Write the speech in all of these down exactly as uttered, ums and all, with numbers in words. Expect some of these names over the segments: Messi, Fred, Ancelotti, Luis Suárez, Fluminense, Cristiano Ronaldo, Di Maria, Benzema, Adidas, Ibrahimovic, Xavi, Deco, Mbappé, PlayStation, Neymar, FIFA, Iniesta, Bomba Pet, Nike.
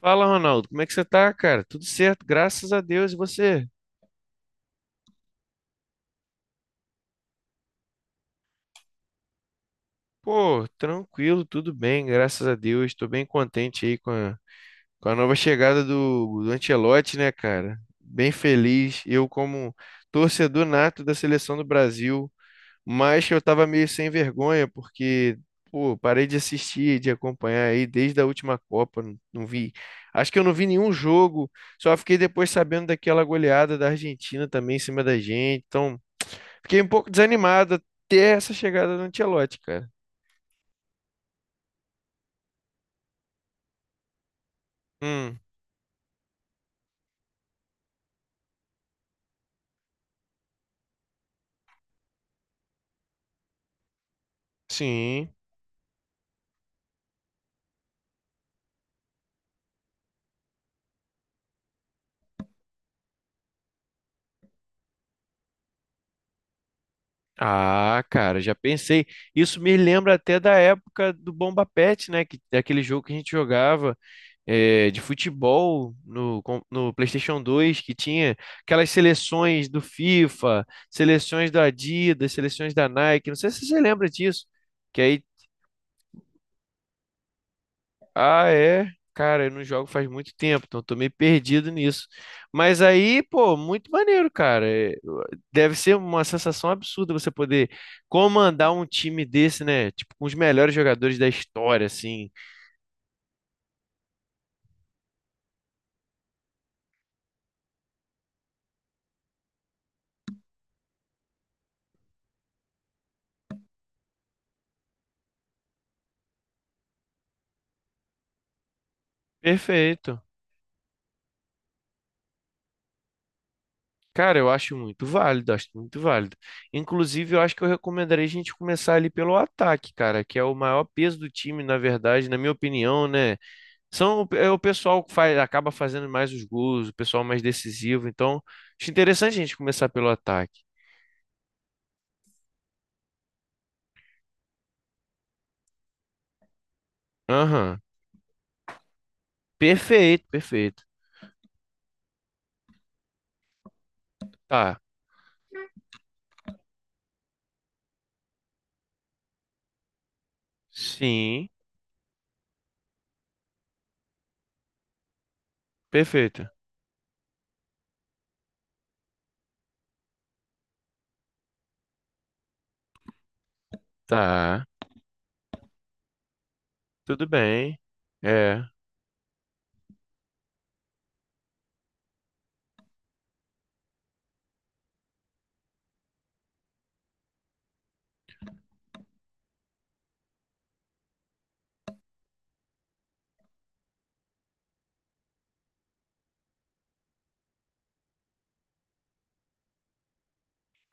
Fala, Ronaldo, como é que você tá, cara? Tudo certo, graças a Deus. E você? Pô, tranquilo, tudo bem, graças a Deus. Tô bem contente aí com a, com a nova chegada do, do Ancelotti, né, cara? Bem feliz. Eu, como torcedor nato da seleção do Brasil, mas eu tava meio sem vergonha, porque, pô, parei de assistir, de acompanhar aí desde a última Copa. Não, não vi. Acho que eu não vi nenhum jogo, só fiquei depois sabendo daquela goleada da Argentina também em cima da gente. Então. Fiquei um pouco desanimado até essa chegada do Ancelotti, cara. Hum, sim. Ah, cara, já pensei. Isso me lembra até da época do Bomba Pet, né? Que, daquele jogo que a gente jogava eh, de futebol no, com- no PlayStation dois, que tinha aquelas seleções do FIFA, seleções da Adidas, seleções da Nike. Não sei se você lembra disso. Que aí ah, é? Cara, eu não jogo faz muito tempo, então eu tô meio perdido nisso. Mas aí, pô, muito maneiro, cara. É, eu- Deve ser uma sensação absurda você poder comandar um time desse, né? Tipo, com os melhores jogadores da história, assim. Perfeito. Cara, eu acho muito válido, acho muito válido. Inclusive, eu acho que eu recomendaria a gente começar ali pelo ataque, cara, que é o maior peso do time, na verdade, na minha opinião, né? São, é o pessoal que faz, acaba fazendo mais os gols, o pessoal mais decisivo. Então, acho interessante a gente começar pelo ataque. Aham. Perfeito, perfeito. Tá. Sim, perfeito. Tá. Tudo bem. É.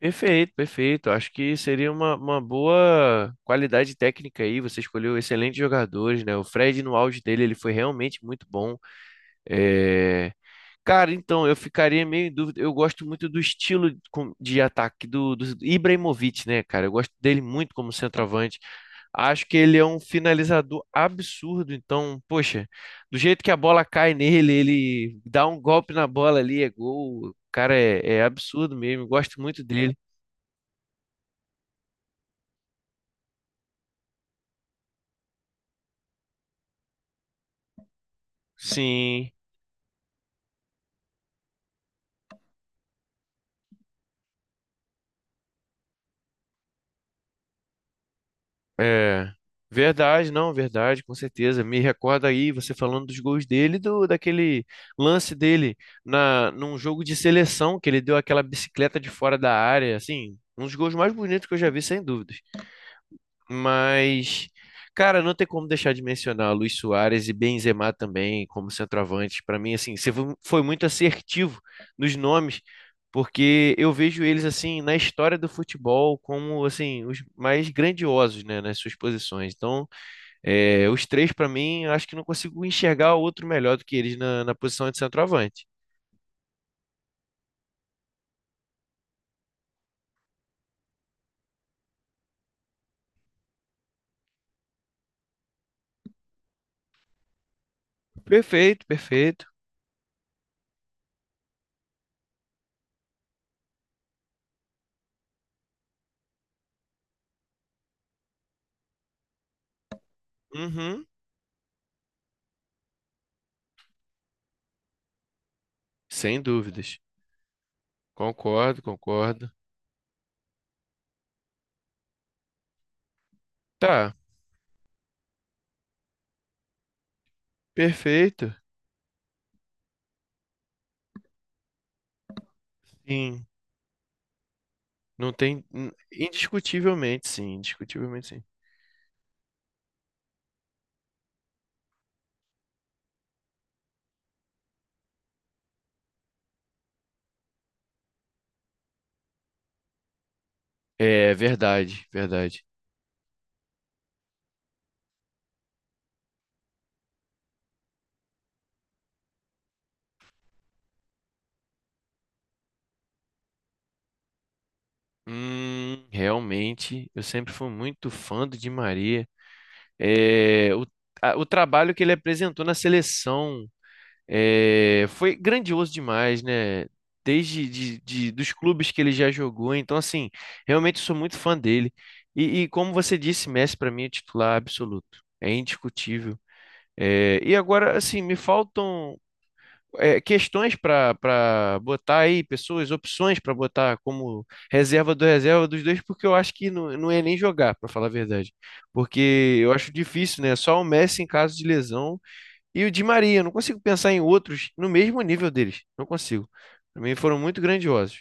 Perfeito, perfeito. Acho que seria uma, uma boa qualidade técnica aí. Você escolheu excelentes jogadores, né? O Fred, no auge dele, ele foi realmente muito bom. É, cara, então, eu ficaria meio em dúvida. Eu gosto muito do estilo de com- de ataque do, do Ibrahimovic, né, cara? Eu gosto dele muito como centroavante. Acho que ele é um finalizador absurdo. Então, poxa, do jeito que a bola cai nele, ele dá um golpe na bola ali, é gol. O cara é, é absurdo mesmo. Eu Gosto muito dele. Sim. É, verdade, não, verdade, com certeza. Me recorda aí você falando dos gols dele, do daquele lance dele na num jogo de seleção que ele deu aquela bicicleta de fora da área, assim, um dos gols mais bonitos que eu já vi, sem dúvida. Mas, cara, não tem como deixar de mencionar Luis Suárez e Benzema também como centroavante. Para mim, assim, você foi foi muito assertivo nos nomes, porque eu vejo eles assim na história do futebol como assim os mais grandiosos, né, nas suas posições. Então, é, os três para mim, eu acho que não consigo enxergar outro melhor do que eles na, na posição de centroavante. Perfeito, perfeito. Uhum, sem dúvidas. Concordo, concordo. Tá, perfeito. Sim. Não tem. Indiscutivelmente, sim. Indiscutivelmente, sim. É verdade, verdade. Hum, realmente, eu sempre fui muito fã do Di Maria. É, o, a- o trabalho que ele apresentou na seleção é, foi grandioso demais, né? Desde de, de- dos clubes que ele já jogou. Então, assim, realmente sou muito fã dele. E, e como você disse, Messi para mim é titular absoluto. É indiscutível. É, e agora, assim, me faltam. É, questões para para botar aí, pessoas, opções para botar como reserva do reserva dos dois, porque eu acho que não, não é nem jogar, para falar a verdade. Porque eu acho difícil, né? Só o Messi em caso de lesão e o Di Maria. Eu não consigo pensar em outros no mesmo nível deles. Não consigo. Para mim foram muito grandiosos.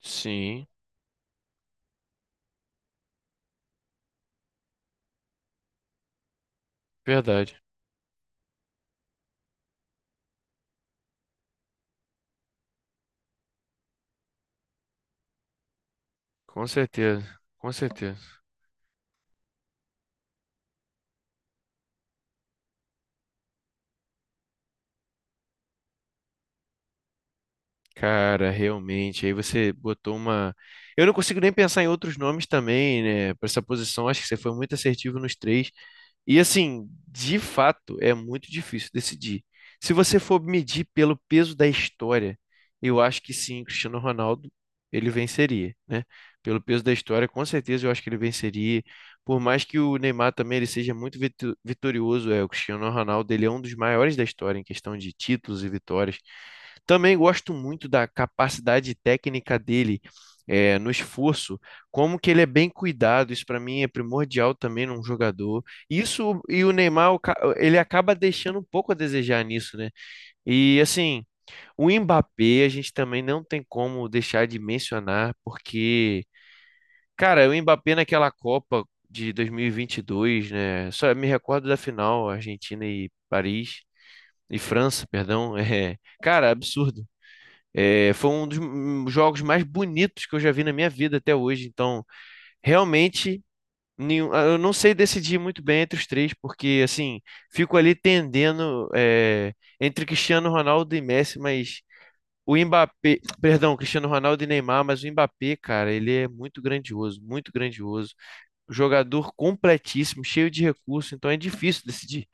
Sim, verdade. Com certeza, com certeza. Cara, realmente, aí você botou uma. Eu não consigo nem pensar em outros nomes também, né? Para essa posição, acho que você foi muito assertivo nos três. E assim, de fato, é muito difícil decidir. Se você for medir pelo peso da história, eu acho que sim, Cristiano Ronaldo, ele venceria, né? Pelo peso da história, com certeza eu acho que ele venceria. Por mais que o Neymar também ele seja muito vitu- vitorioso, é, o Cristiano Ronaldo, ele é um dos maiores da história em questão de títulos e vitórias. Também gosto muito da capacidade técnica dele, eh, no esforço, como que ele é bem cuidado. Isso para mim é primordial também num jogador. Isso e o Neymar, o ca- ele acaba deixando um pouco a desejar nisso, né? E assim, o Mbappé a gente também não tem como deixar de mencionar, porque, cara, o Mbappé naquela Copa de dois mil e vinte e dois, né? Só me recordo da final, Argentina e Paris. E França, perdão, é, cara, absurdo. É, foi um dos hum, jogos mais bonitos que eu já vi na minha vida até hoje. Então, realmente, nenhum- ah, eu não sei decidir muito bem entre os três, porque assim, fico ali tendendo é, entre Cristiano Ronaldo e Messi, mas o Mbappé, perdão, Cristiano Ronaldo e Neymar, mas o Mbappé, cara, ele é muito grandioso, muito grandioso. Jogador completíssimo, cheio de recurso, então é difícil decidir.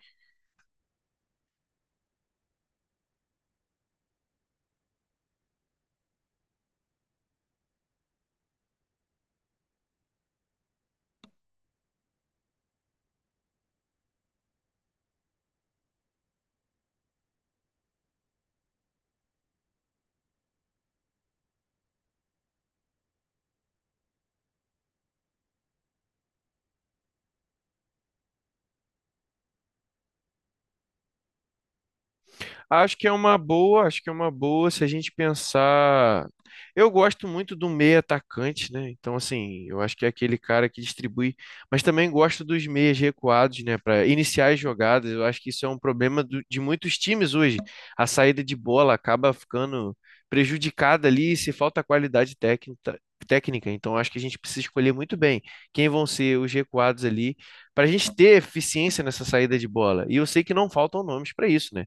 Acho que é uma boa, acho que é uma boa se a gente pensar. Eu gosto muito do meia atacante, né? Então, assim, eu acho que é aquele cara que distribui, mas também gosto dos meias recuados, né? Para iniciar as jogadas. Eu acho que isso é um problema do- de muitos times hoje. A saída de bola acaba ficando prejudicada ali se falta qualidade técnica. Técnica, então acho que a gente precisa escolher muito bem quem vão ser os recuados ali para a gente ter eficiência nessa saída de bola. E eu sei que não faltam nomes para isso, né?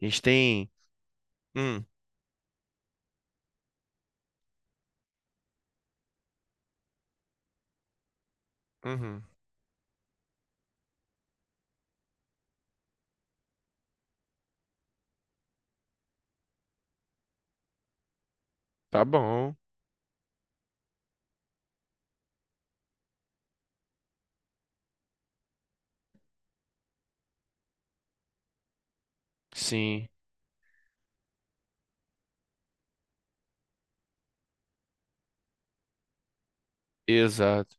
A gente tem. Hum, uhum. Tá bom. Sim, exato.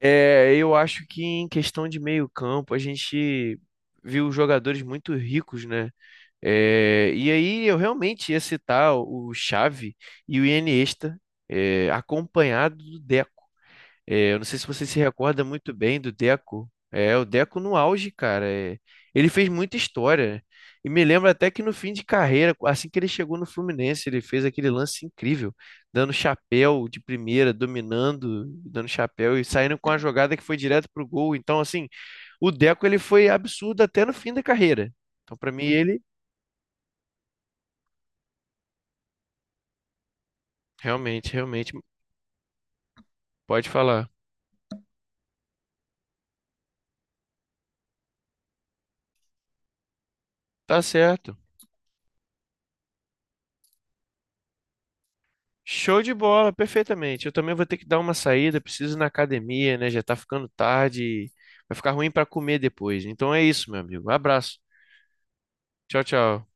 É, eu acho que em questão de meio campo a gente viu jogadores muito ricos, né? É, e aí eu realmente ia citar o Xavi e o Iniesta, é, acompanhado do Deco. É, eu não sei se você se recorda muito bem do Deco. É, o Deco no auge, cara. É, ele fez muita história, né? E me lembro até que no fim de carreira, assim que ele chegou no Fluminense, ele fez aquele lance incrível, dando chapéu de primeira, dominando, dando chapéu e saindo com a jogada que foi direto pro gol. Então, assim, o Deco ele foi absurdo até no fim da carreira. Então, pra mim, ele realmente, realmente pode falar. Tá certo. Show de bola, perfeitamente. Eu também vou ter que dar uma saída, preciso ir na academia, né? Já tá ficando tarde, vai ficar ruim para comer depois. Então é isso, meu amigo. Abraço. Tchau, tchau.